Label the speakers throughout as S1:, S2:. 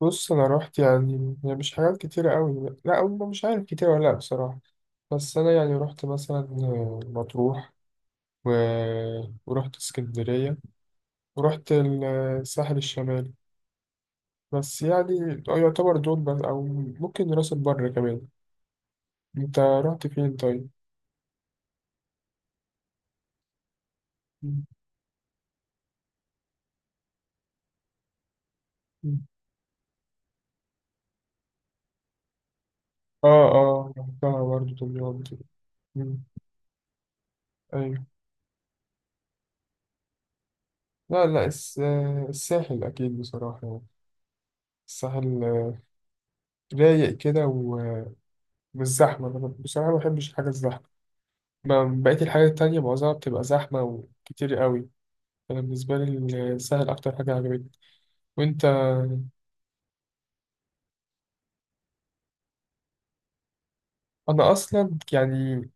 S1: بص، انا رحت يعني مش حاجات كتيرة قوي، لا، أو مش عارف كتير ولا لا، بصراحة. بس انا يعني رحت مثلا مطروح و... ورحت اسكندرية، ورحت الساحل الشمالي. بس يعني يعتبر دول بس، او ممكن راس البر كمان. انت رحت فين طيب؟ مم. مم. اه، اه، رحتها برضه، دمياط دي. مم. ايوه. لا، لا، الساحل اكيد بصراحة، يعني الساحل رايق كده ومش زحمة. أنا بصراحة ما بحبش الحاجة الزحمة. بقية الحاجات التانية معظمها بتبقى زحمة وكتير قوي. أنا بالنسبة لي السهل أكتر حاجة عجبتني. وأنت؟ أنا أصلا يعني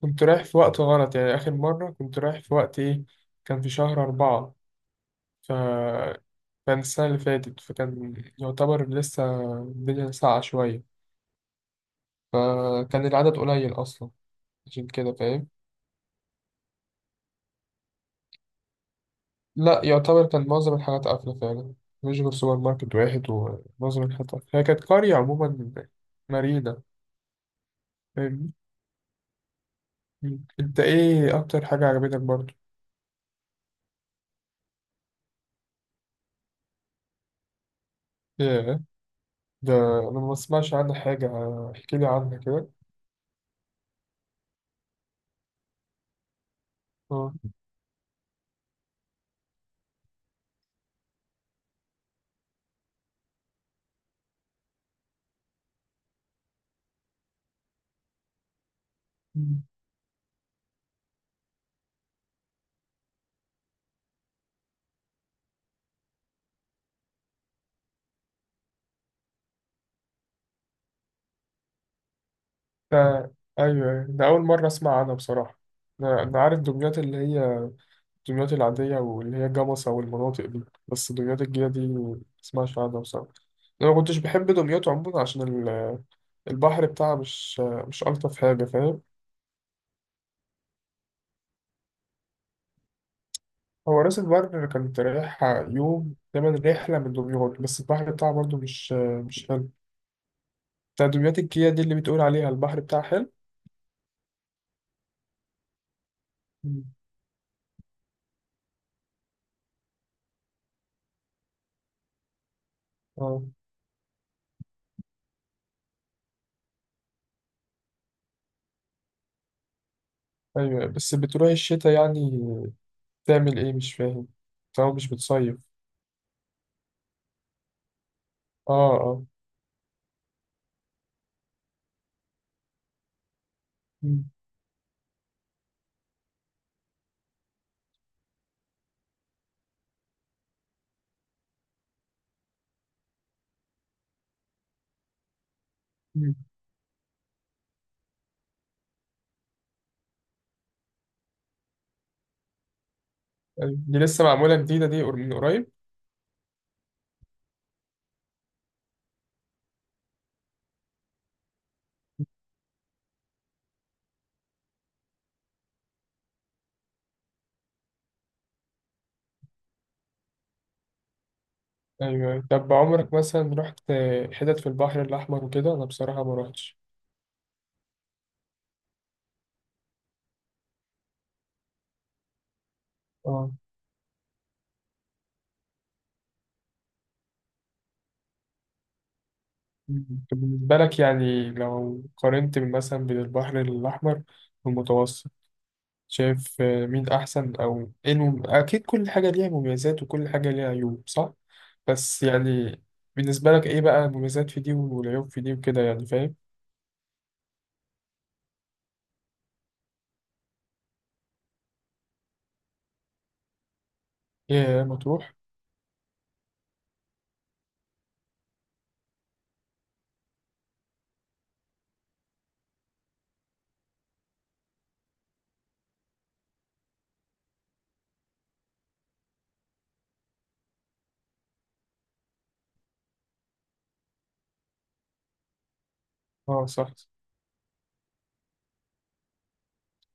S1: كنت رايح في وقت غلط، يعني آخر مرة كنت رايح في وقت إيه، كان في شهر أربعة، ف كان السنة اللي فاتت، فكان يعتبر لسه الدنيا ساقعة شوية، فكان العدد قليل أصلا، عشان كده فاهم. لا، يعتبر كان معظم الحاجات قافلة فعلا، مش غير سوبر ماركت واحد ومعظم الحاجات قافلة، هي كانت قرية عموما، مارينا. فاهمني؟ مم. انت ايه اكتر حاجة عجبتك برضو؟ ايه؟ ده انا ما بسمعش عنها حاجة، احكي لي عنها كده. اه. مم. ده ايوه، أيوة. ده اول مرة اسمع عنها بصراحة. أنا عارف دمياط اللي هي دمياط العادية، واللي هي جمصة والمناطق دي، بس دمياط الجديدة دي ما بسمعش عنها بصراحة. انا ما كنتش بحب دمياط عموما عشان البحر بتاعها مش الطف حاجة، فاهم؟ هو راس البر كانت رايحة يوم تمن رحلة من دمياط، بس البحر بتاعها برضو مش حلو. تدريبات الكيا دي اللي بتقول عليها البحر بتاعها حلو. مم. اه. ايوه بس بتروح الشتاء، يعني تعمل ايه مش فاهم، طبعا مش بتصيف. اه، اه. مم. مم. أيوة. دي لسه معمولة جديدة دي، من قريب؟ ايوه. طب عمرك مثلا رحت حتت في البحر الأحمر وكده؟ انا بصراحة ما رحتش. اه. مم. طب بالنسبة لك يعني، لو قارنت مثلا بين البحر الأحمر والمتوسط، شايف مين أحسن، أو إيه أكيد كل حاجة ليها مميزات وكل حاجة ليها عيوب، صح؟ بس يعني بالنسبة لك إيه بقى المميزات في دي والعيوب في دي وكده، يعني فاهم؟ إيه، يا مطروح؟ أه، صح.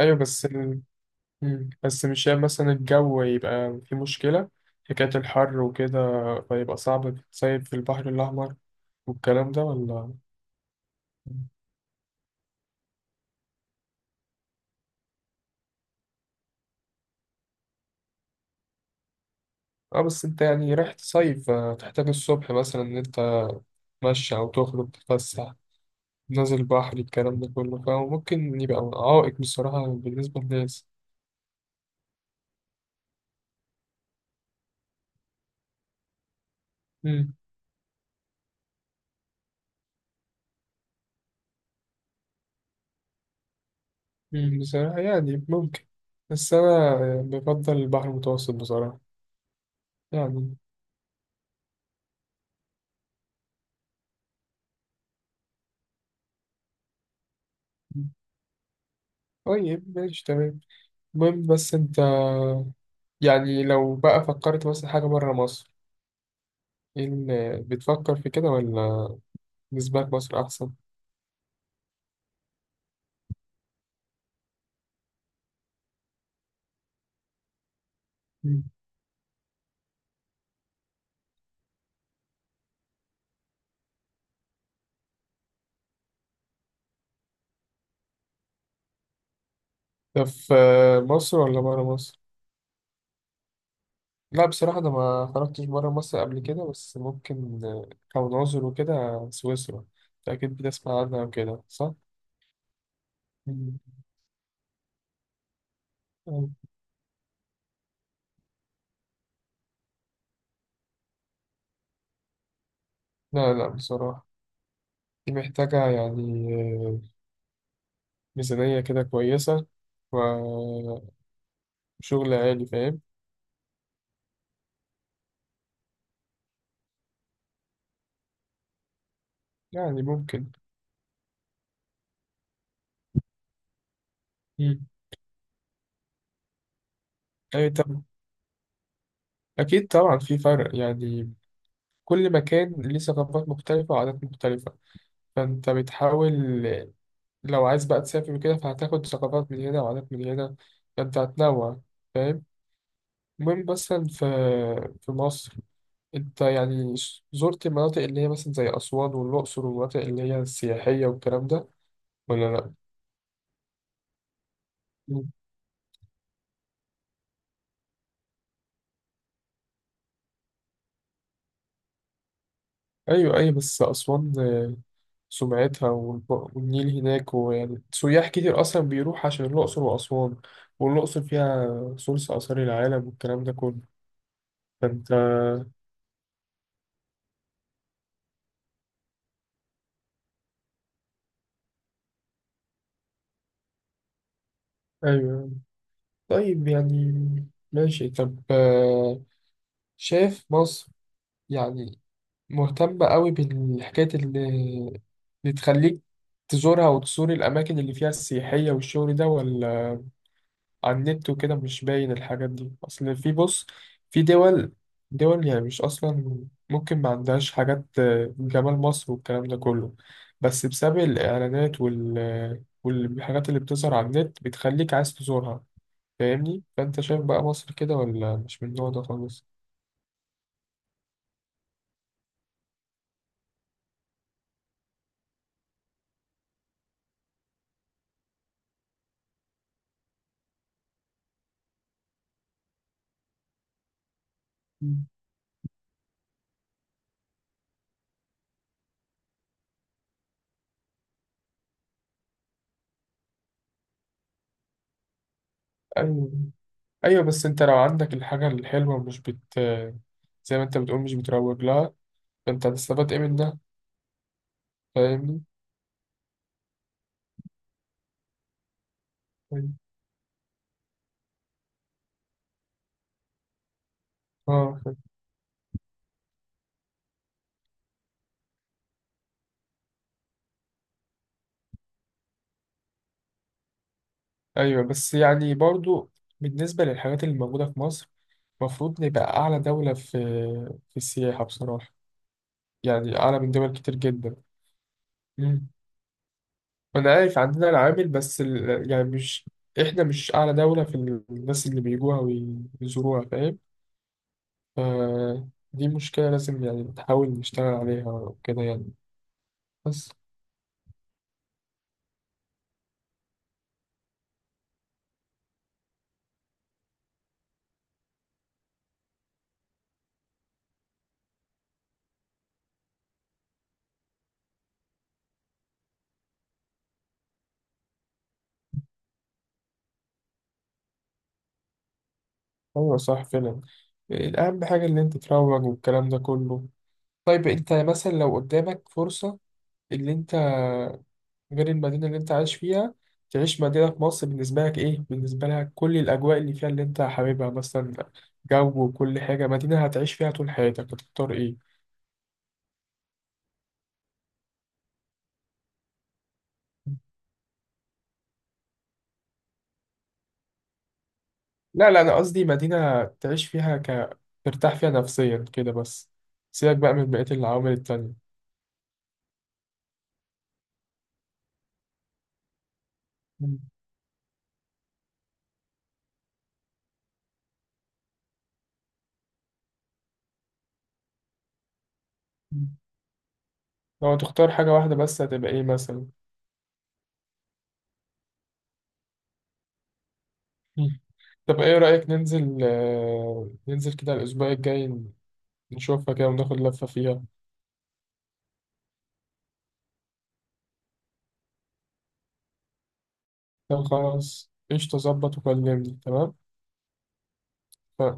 S1: أيوه بس مم. بس مش هي مثلا الجو يبقى في مشكلة، حكاية الحر وكده، فيبقى صعب تصيف في البحر الأحمر والكلام ده، ولا؟ مم. اه، بس انت يعني رايح تصيف، فتحتاج الصبح مثلا ان انت تمشي او تخرج تتفسح، نازل بحر، الكلام ده كله، فممكن يبقى عائق بصراحة بالنسبة للناس. مم. مم. بصراحة يعني ممكن، بس أنا بفضل البحر المتوسط بصراحة، يعني. مم. طيب، ماشي، تمام. المهم بس أنت يعني لو بقى فكرت مثلا حاجة بره مصر، إيه اللي بتفكر في كده، ولا بالنسبة لك مصر أحسن؟ مم. ده في مصر ولا بره مصر؟ لا بصراحة أنا ما خرجتش برا مصر قبل كده، بس ممكن كون عذر وكده. سويسرا أنت أكيد بتسمع عنها وكده، صح؟ مم. آه. لا، لا، بصراحة دي محتاجة يعني آه، ميزانية كده كويسة، وشغل عالي، فاهم؟ يعني ممكن. مم. أي طب، أكيد طبعا في فرق، يعني كل مكان ليه ثقافات مختلفة وعادات مختلفة، فأنت بتحاول لو عايز بقى تسافر وكده، فهتاخد ثقافات من هنا وعادات من هنا، فأنت هتنوع، فاهم؟ المهم مثلا في مصر، أنت يعني زرت المناطق اللي هي مثلا زي أسوان والأقصر والمناطق اللي هي السياحية والكلام ده، ولا لأ؟ مم. أيوه، أيوه، بس أسوان سمعتها، والنيل هناك، ويعني سياح كتير أصلا بيروح عشان الأقصر وأسوان، والأقصر فيها ثلث آثار العالم والكلام ده كله. فأنت، أيوه، طيب يعني، ماشي، طب. شايف مصر يعني مهتمة قوي بالحكاية اللي تخليك تزورها وتزور الأماكن اللي فيها السياحية والشغل ده، ولا على النت وكده مش باين الحاجات دي؟ أصل بص، في دول يعني مش أصلا، ممكن ما عندهاش حاجات جمال مصر والكلام ده كله، بس بسبب الإعلانات والحاجات اللي بتظهر على النت بتخليك عايز تزورها، فاهمني؟ فأنت شايف بقى مصر كده، ولا مش من النوع ده خالص؟ مم. أيوه، ايوه، بس انت لو عندك الحاجه الحلوه مش بت زي ما انت بتقول مش بتروج لها، فانت هتستفاد ايه من ده؟ فاهمني. طيب. اه، فاهم. ايوه بس يعني برضو بالنسبه للحاجات اللي موجوده في مصر، المفروض نبقى اعلى دوله في السياحه بصراحه، يعني اعلى من دول كتير جدا. مم. وانا عارف عندنا العامل، بس يعني مش احنا مش اعلى دوله في الناس اللي بيجوها ويزوروها، فاهم؟ ف- دي مشكله لازم يعني نحاول نشتغل عليها وكده، يعني بس. ايوه، صح فعلا، اهم حاجه اللي انت تروج والكلام ده كله. طيب انت مثلا لو قدامك فرصه، اللي انت غير المدينه اللي انت عايش فيها، تعيش مدينه في مصر، بالنسبه لك كل الاجواء اللي فيها اللي انت حاببها، مثلا جو وكل حاجه، مدينه هتعيش فيها طول حياتك، هتختار ايه؟ لا، لا، انا قصدي مدينه تعيش فيها، ترتاح فيها نفسيا كده بس، سيبك بقى من بقيه العوامل التانية. مم. لو تختار حاجه واحده بس، هتبقى ايه مثلا؟ مم. طب ايه رأيك ننزل كده الأسبوع الجاي، نشوفها كده وناخد لفة فيها؟ طب خلاص، قشطة، ظبط وكلمني. تمام. ف-